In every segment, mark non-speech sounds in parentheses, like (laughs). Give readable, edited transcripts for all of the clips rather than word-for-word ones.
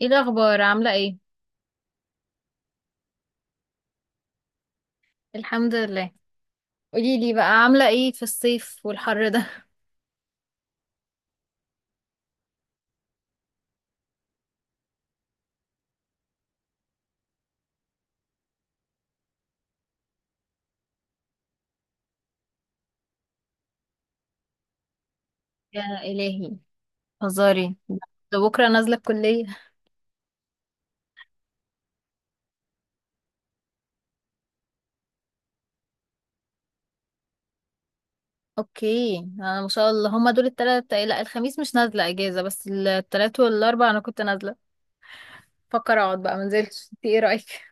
ايه الاخبار؟ عامله ايه؟ الحمد لله. قولي لي بقى، عامله ايه في الصيف والحر ده؟ يا الهي، هزاري، ده بكره نازله الكليه. اوكي، انا ما شاء الله هما دول التلات، لا الخميس مش نازله اجازه بس التلات والاربع انا كنت نازله، فكر اقعد بقى منزلش، انت ايه رايك؟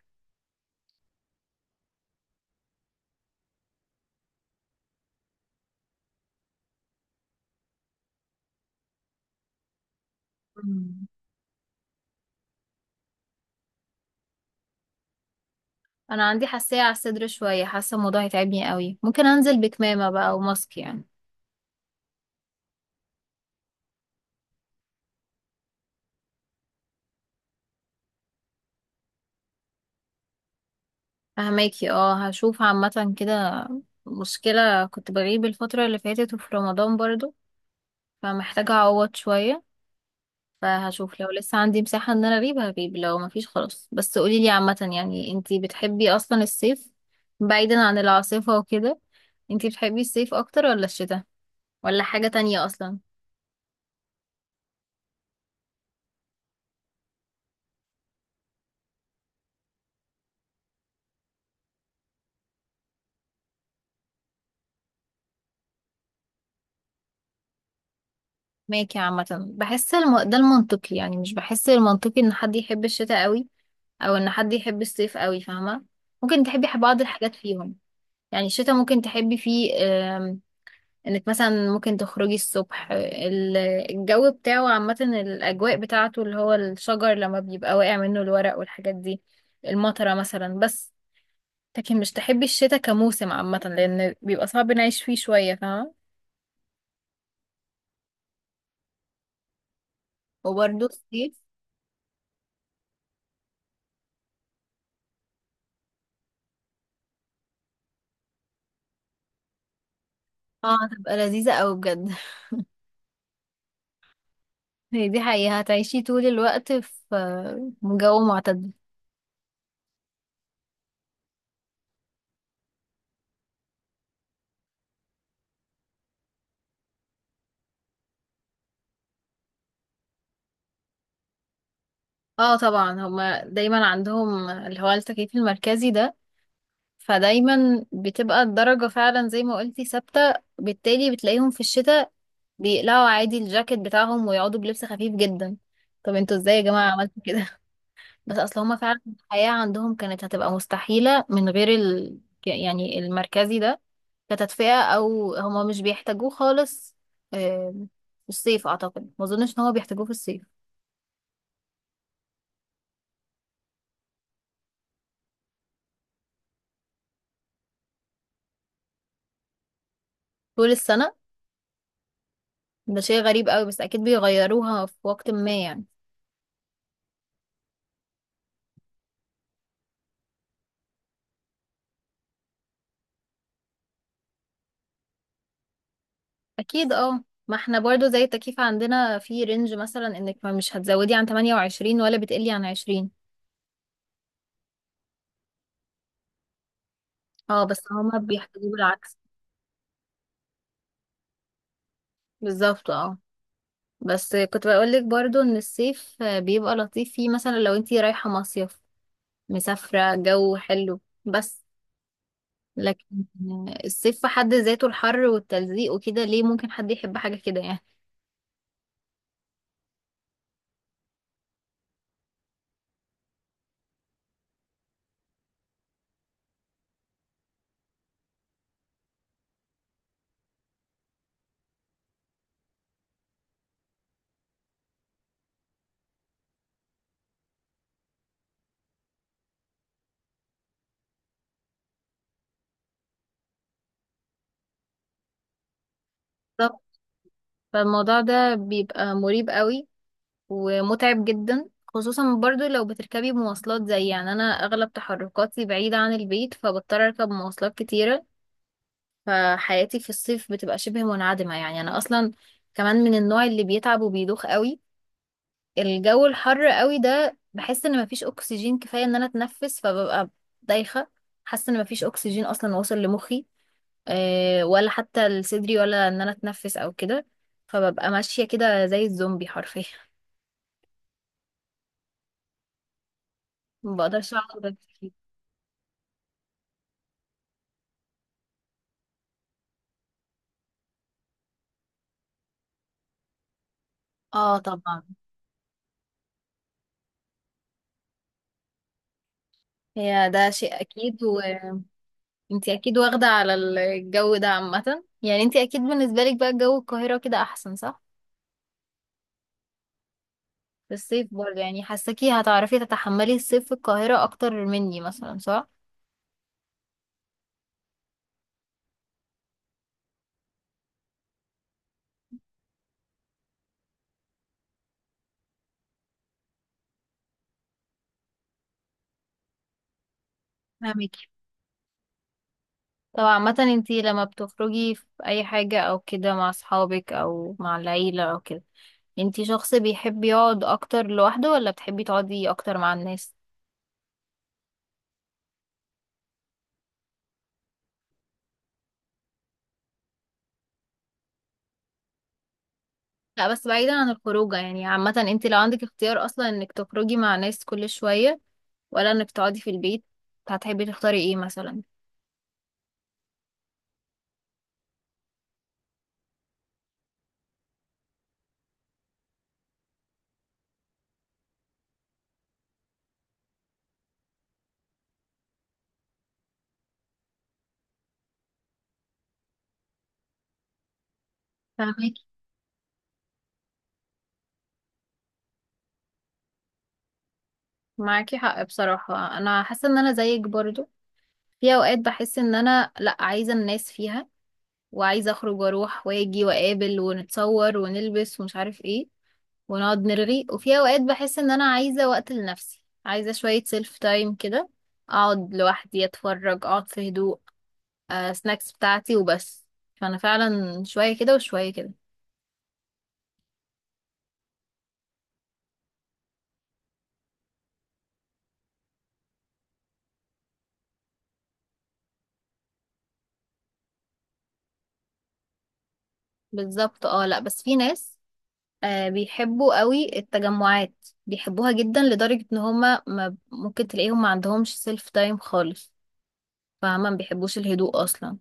مم. انا عندي حساسيه على الصدر شويه، حاسه الموضوع هيتعبني قوي، ممكن انزل بكمامه بقى وماسك يعني. فهماكي، اه هشوف عامه كده. مشكله كنت بغيب الفتره اللي فاتت وفي رمضان برضو، فمحتاجة أعوض شوية. فهشوف لو لسه عندي مساحة إن أنا أجيب هجيب، لو مفيش خلاص. بس قوليلي عامة، انتي بتحبي أصلا الصيف، بعيدا عن العاصفة وكده؟ انتي بتحبي الصيف أكتر ولا الشتاء؟ ولا حاجة تانية أصلا؟ ماكي عامة. بحس ده المنطقي، مش بحس المنطقي إن حد يحب الشتاء قوي أو إن حد يحب الصيف قوي، فاهمة؟ ممكن تحبي بعض الحاجات فيهم. يعني الشتاء ممكن تحبي فيه انك مثلا ممكن تخرجي الصبح، الجو بتاعه عامة، الأجواء بتاعته اللي هو الشجر لما بيبقى واقع منه الورق والحاجات دي، المطرة مثلا، بس. لكن مش تحبي الشتاء كموسم عامة، لأن بيبقى صعب نعيش فيه شوية، فاهمة؟ وبرضه الصيف، اه هتبقى لذيذة أوي بجد. (laughs) هي دي حقيقة، هتعيشي طول الوقت في جو معتدل. اه طبعا، هما دايما عندهم اللي هو التكييف المركزي ده، فدايما بتبقى الدرجة فعلا زي ما قلتي ثابتة، بالتالي بتلاقيهم في الشتاء بيقلعوا عادي الجاكيت بتاعهم ويقعدوا بلبس خفيف جدا. طب انتوا ازاي يا جماعة عملتوا كده؟ (laughs) بس اصل هما فعلا الحياة عندهم كانت هتبقى مستحيلة من غير يعني المركزي ده، كتدفئة، او هما مش بيحتاجوه خالص. آم، في الصيف اعتقد، ما اظنش ان هما بيحتاجوه في الصيف. طول السنة ده شيء غريب قوي، بس اكيد بيغيروها في وقت ما يعني. اكيد اه، ما احنا برضو زي التكييف عندنا في رينج، مثلا انك ما مش هتزودي عن 28 ولا بتقلي عن 20. اه بس هما بيحتاجوا بالعكس. بالظبط اه. بس كنت بقولك برضو ان الصيف بيبقى لطيف فيه، مثلا لو انتي رايحة مصيف، مسافرة، جو حلو، بس. لكن الصيف في حد ذاته الحر والتلزيق وكده، ليه ممكن حد يحب حاجة كده يعني؟ بالظبط. فالموضوع ده بيبقى مريب قوي ومتعب جدا، خصوصا برضو لو بتركبي مواصلات، زي يعني انا اغلب تحركاتي بعيدة عن البيت فبضطر اركب مواصلات كتيرة، فحياتي في الصيف بتبقى شبه منعدمة. يعني انا اصلا كمان من النوع اللي بيتعب وبيدوخ قوي الجو الحر قوي ده، بحس ان مفيش اكسجين كفاية ان انا اتنفس، فببقى دايخة، حاسة ان مفيش اكسجين اصلا واصل لمخي، أه ولا حتى لصدري، ولا ان انا اتنفس او كده، فببقى ماشية كده زي الزومبي حرفيا. (laughs) مبقدرش اقعد. اه طبعا، هي ده شيء اكيد. وانتي اكيد واخده على الجو ده عامه، يعني انتي اكيد بالنسبه لك بقى جو القاهره كده احسن، صح؟ في الصيف برضه، يعني حاساكي هتعرفي تتحملي الصيف في القاهره اكتر مني مثلا، صح؟ فاهمك. طب عامه انتي لما بتخرجي في اي حاجه او كده، مع اصحابك او مع العيله او كده، انتي شخص بيحب يقعد اكتر لوحده ولا بتحبي تقعدي اكتر مع الناس؟ لا بس بعيدا عن الخروجه، يعني عامه انت لو عندك اختيار اصلا، انك تخرجي مع ناس كل شويه ولا انك تقعدي في البيت، هتحبي تختاري ايه مثلا؟ فاهمكي. معاكي حق بصراحة، انا حاسة ان انا زيك برضو، في اوقات بحس ان انا لا عايزة الناس فيها، وعايزة اخرج واروح واجي واقابل ونتصور ونلبس ومش عارف ايه، ونقعد نرغي. وفي اوقات بحس ان انا عايزة وقت لنفسي، عايزة شوية سيلف تايم كده، اقعد لوحدي اتفرج، اقعد في هدوء، سناكس بتاعتي وبس. فانا فعلا شوية كده وشوية كده. بالظبط اه. لا بس في ناس بيحبوا قوي التجمعات، بيحبوها جدا لدرجة ان هما ما ممكن تلاقيهم ما عندهمش سيلف تايم خالص، فاهمة؟ ما بيحبوش الهدوء اصلا.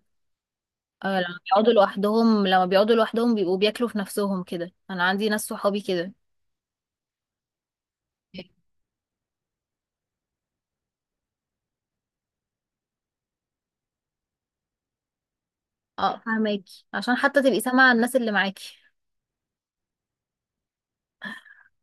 لما بيقعدوا لوحدهم، بيبقوا بياكلوا في نفسهم كده، انا عندي ناس صحابي كده. اه فاهماكي، عشان حتى تبقي سامعة الناس اللي معاكي.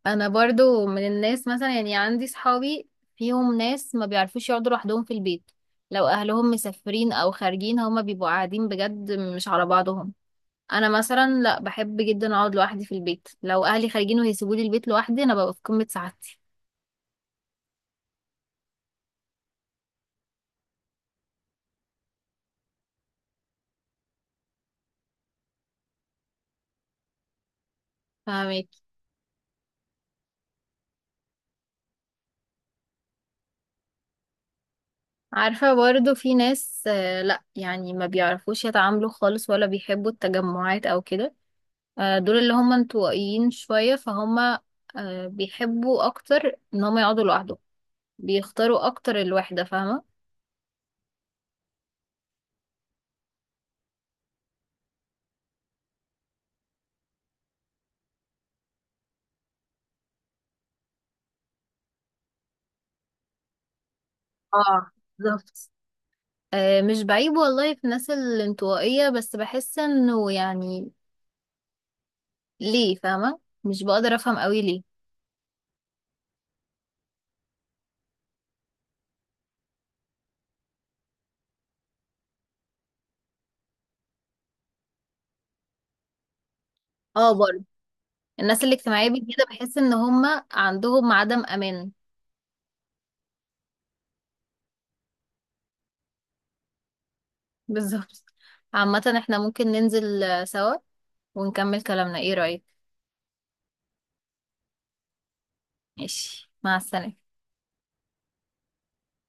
انا برضو من الناس، مثلا يعني عندي صحابي فيهم ناس ما بيعرفوش يقعدوا لوحدهم في البيت، لو اهلهم مسافرين او خارجين هما بيبقوا قاعدين بجد مش على بعضهم. انا مثلا لا، بحب جدا اقعد لوحدي في البيت، لو اهلي خارجين وهيسيبولي البيت لوحدي انا ببقى في قمة سعادتي. فاهمك. عارفة برضو في ناس، لا يعني ما بيعرفوش يتعاملوا خالص ولا بيحبوا التجمعات او كده، دول اللي هم انطوائيين شوية فهم، بيحبوا اكتر ان هم يقعدوا لوحدهم، بيختاروا اكتر الوحدة، فاهمة؟ اه بالظبط. مش بعيب والله في الناس الانطوائية، بس بحس انه يعني ليه، فاهمة؟ مش بقدر افهم قوي ليه. اه برضه، الناس الاجتماعية بالكده بحس ان هما عندهم عدم امان. (laughs) بالظبط. عامة احنا ممكن ننزل سوا ونكمل كلامنا، ايه رأيك؟ ماشي، مع السلامة.